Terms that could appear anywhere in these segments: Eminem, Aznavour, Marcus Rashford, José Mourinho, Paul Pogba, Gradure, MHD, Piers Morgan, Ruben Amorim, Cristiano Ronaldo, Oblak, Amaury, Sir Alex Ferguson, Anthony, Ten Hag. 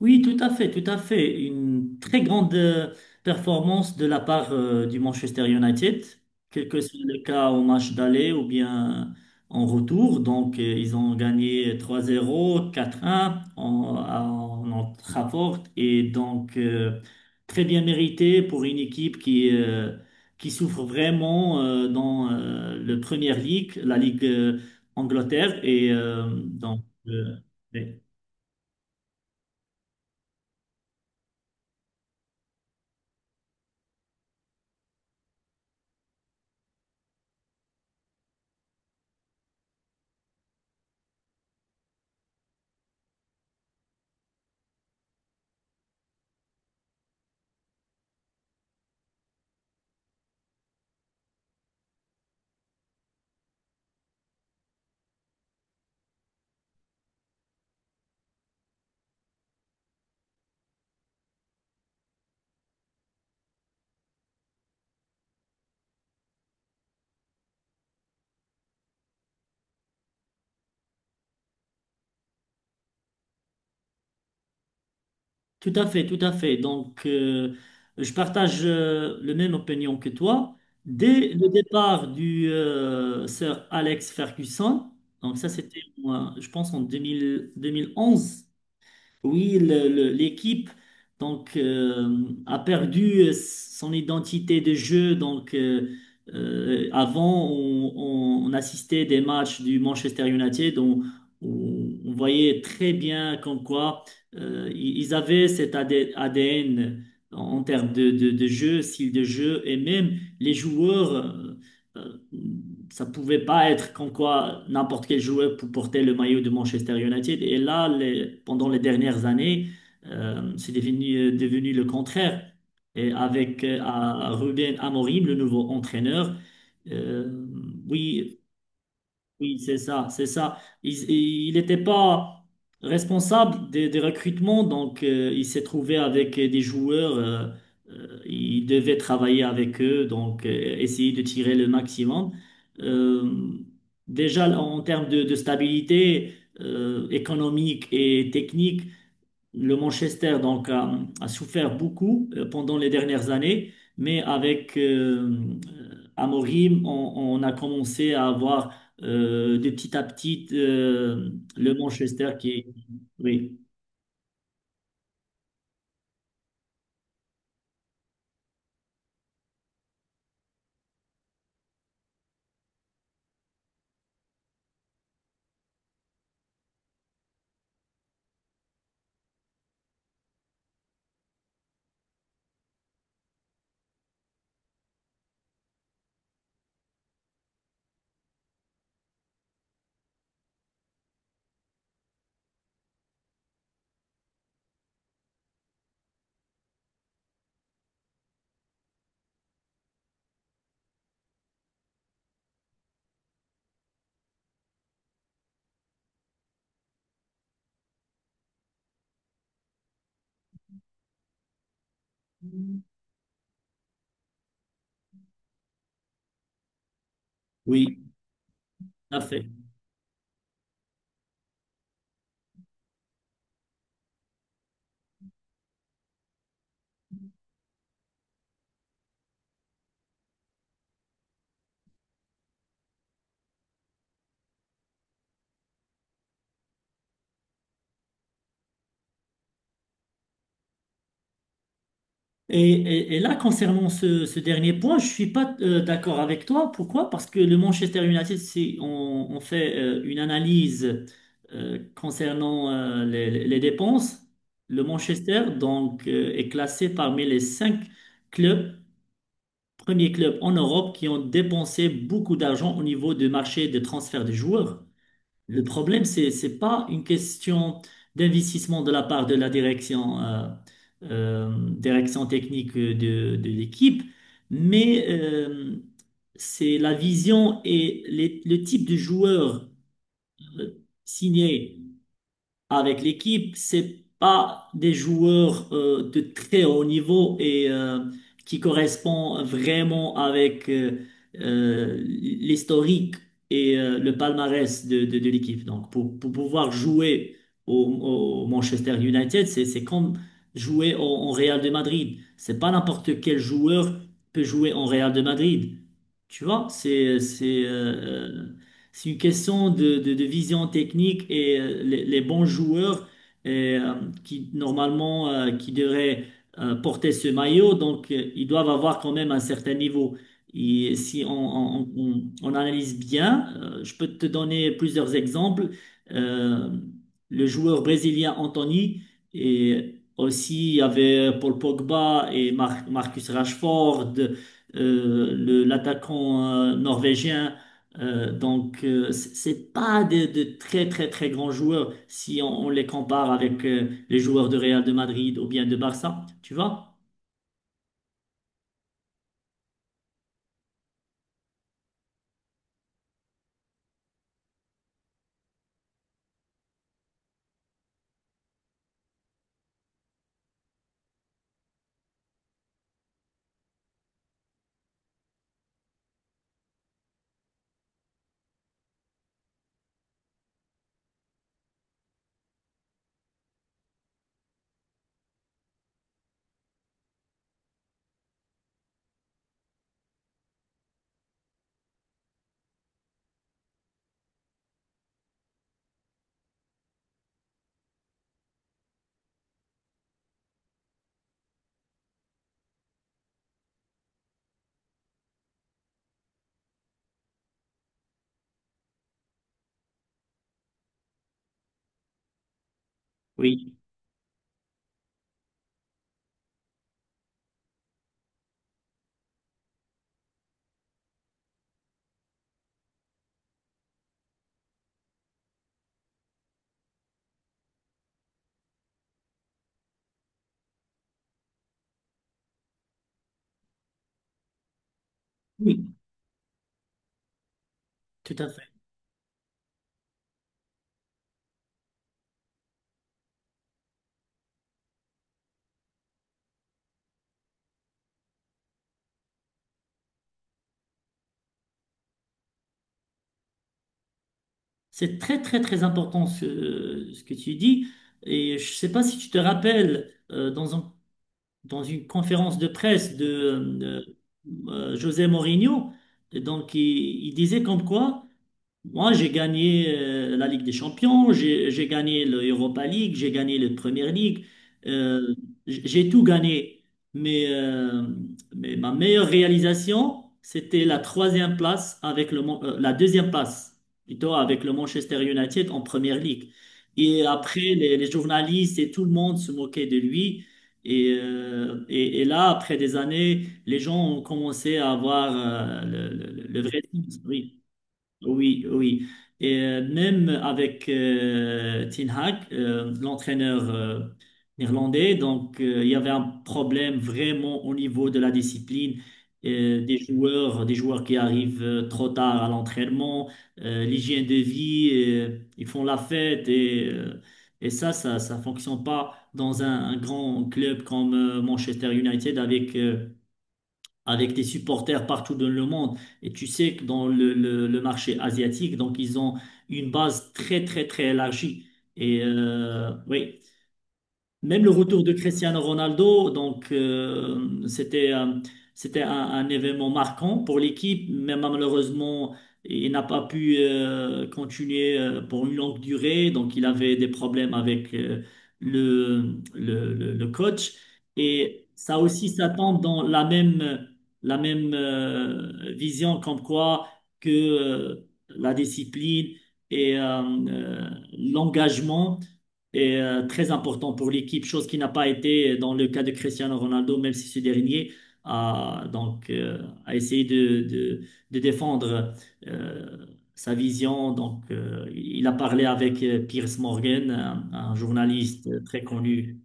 Oui, tout à fait, tout à fait. Une très grande performance de la part du Manchester United, quel que soit le cas au match d'aller ou bien en retour. Donc, ils ont gagné 3-0, 4-1 en Old Trafford. Et donc, très bien mérité pour une équipe qui souffre vraiment dans le Premier League, la Ligue Angleterre. Et donc, tout à fait, tout à fait. Donc, je partage le même opinion que toi. Dès le départ du Sir Alex Ferguson, donc ça c'était, moi, je pense, en 2011. Oui, l'équipe donc a perdu son identité de jeu. Donc avant, on assistait des matchs du Manchester United, on voyait très bien comme quoi ils avaient cet AD ADN en termes de jeu, style de jeu, et même les joueurs. Euh, Ça pouvait pas être comme quoi n'importe quel joueur pour porter le maillot de Manchester United. Et là, pendant les dernières années, c'est devenu le contraire. Et avec à Ruben Amorim, le nouveau entraîneur, euh, oui, oui, c'est ça, c'est ça. Il n'était pas responsable des recrutements, donc il s'est trouvé avec des joueurs. Il devait travailler avec eux, donc essayer de tirer le maximum. Euh, Déjà, en termes de stabilité économique et technique, le Manchester donc a souffert beaucoup pendant les dernières années, mais avec Amorim, on a commencé à avoir de petit à petit le Manchester qui est. Oui, oui, tout à fait. Et là, concernant ce dernier point, je suis pas d'accord avec toi. Pourquoi? Parce que le Manchester United, si on fait une analyse concernant les dépenses, le Manchester donc est classé parmi les cinq clubs, premiers clubs en Europe qui ont dépensé beaucoup d'argent au niveau du marché des transferts de joueurs. Le problème, c'est pas une question d'investissement de la part de la direction. Direction technique de l'équipe, mais c'est la vision et le type de joueur euh, signé avec l'équipe. C'est pas des joueurs de très haut niveau et qui correspond vraiment avec l'historique et le palmarès de l'équipe. Donc, pour pouvoir jouer au Manchester United, c'est comme jouer au Real de Madrid. C'est pas n'importe quel joueur peut jouer en Real de Madrid. Tu vois, c'est une question de vision technique et les bons joueurs euh, qui normalement qui devraient porter ce maillot, donc ils doivent avoir quand même un certain niveau. Et si on analyse bien, je peux te donner plusieurs exemples. Euh, le joueur brésilien Anthony et aussi il y avait Paul Pogba et Marcus Rashford, l'attaquant norvégien. C'est pas de très très très grands joueurs si on les compare avec les joueurs de Real de Madrid ou bien de Barça, tu vois? Oui, oui, tout à fait. C'est très très très important ce que tu dis. Et je sais pas si tu te rappelles dans une conférence de presse de, euh, José Mourinho, donc il disait comme quoi moi, j'ai gagné la Ligue des Champions, j'ai gagné l'Europa League, j'ai gagné la Premier League. euh, j'ai tout gagné. Mais, euh, mais ma meilleure réalisation, c'était la troisième place avec la deuxième place, plutôt avec le Manchester United en Premier League. Et après, les journalistes et tout le monde se moquaient de lui. Et là, après des années, les gens ont commencé à avoir le vrai sens. Oui. Oui, oui. Et même avec Ten Hag, l'entraîneur néerlandais, donc il y avait un problème vraiment au niveau de la discipline des joueurs qui arrivent trop tard à l'entraînement, l'hygiène de vie, ils font la fête et ça fonctionne pas dans un grand club comme Manchester United avec des supporters partout dans le monde. Et tu sais que dans le marché asiatique, donc ils ont une base très, très, très élargie. Et oui. Même le retour de Cristiano Ronaldo, donc c'était un événement marquant pour l'équipe, mais malheureusement il n'a pas pu continuer pour une longue durée, donc il avait des problèmes avec le coach, et ça aussi ça tombe dans la même vision comme quoi que la discipline et euh, l'engagement et très important pour l'équipe, chose qui n'a pas été dans le cas de Cristiano Ronaldo, même si ce dernier a, donc, euh, a essayé de défendre euh, sa vision. Donc, il a parlé avec Piers Morgan, un journaliste très connu.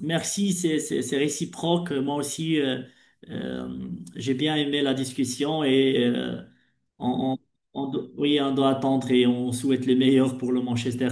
Merci, c'est réciproque. Moi aussi, euh, j'ai bien aimé la discussion et on, on- oui, on doit attendre et on souhaite le meilleur pour le Manchester.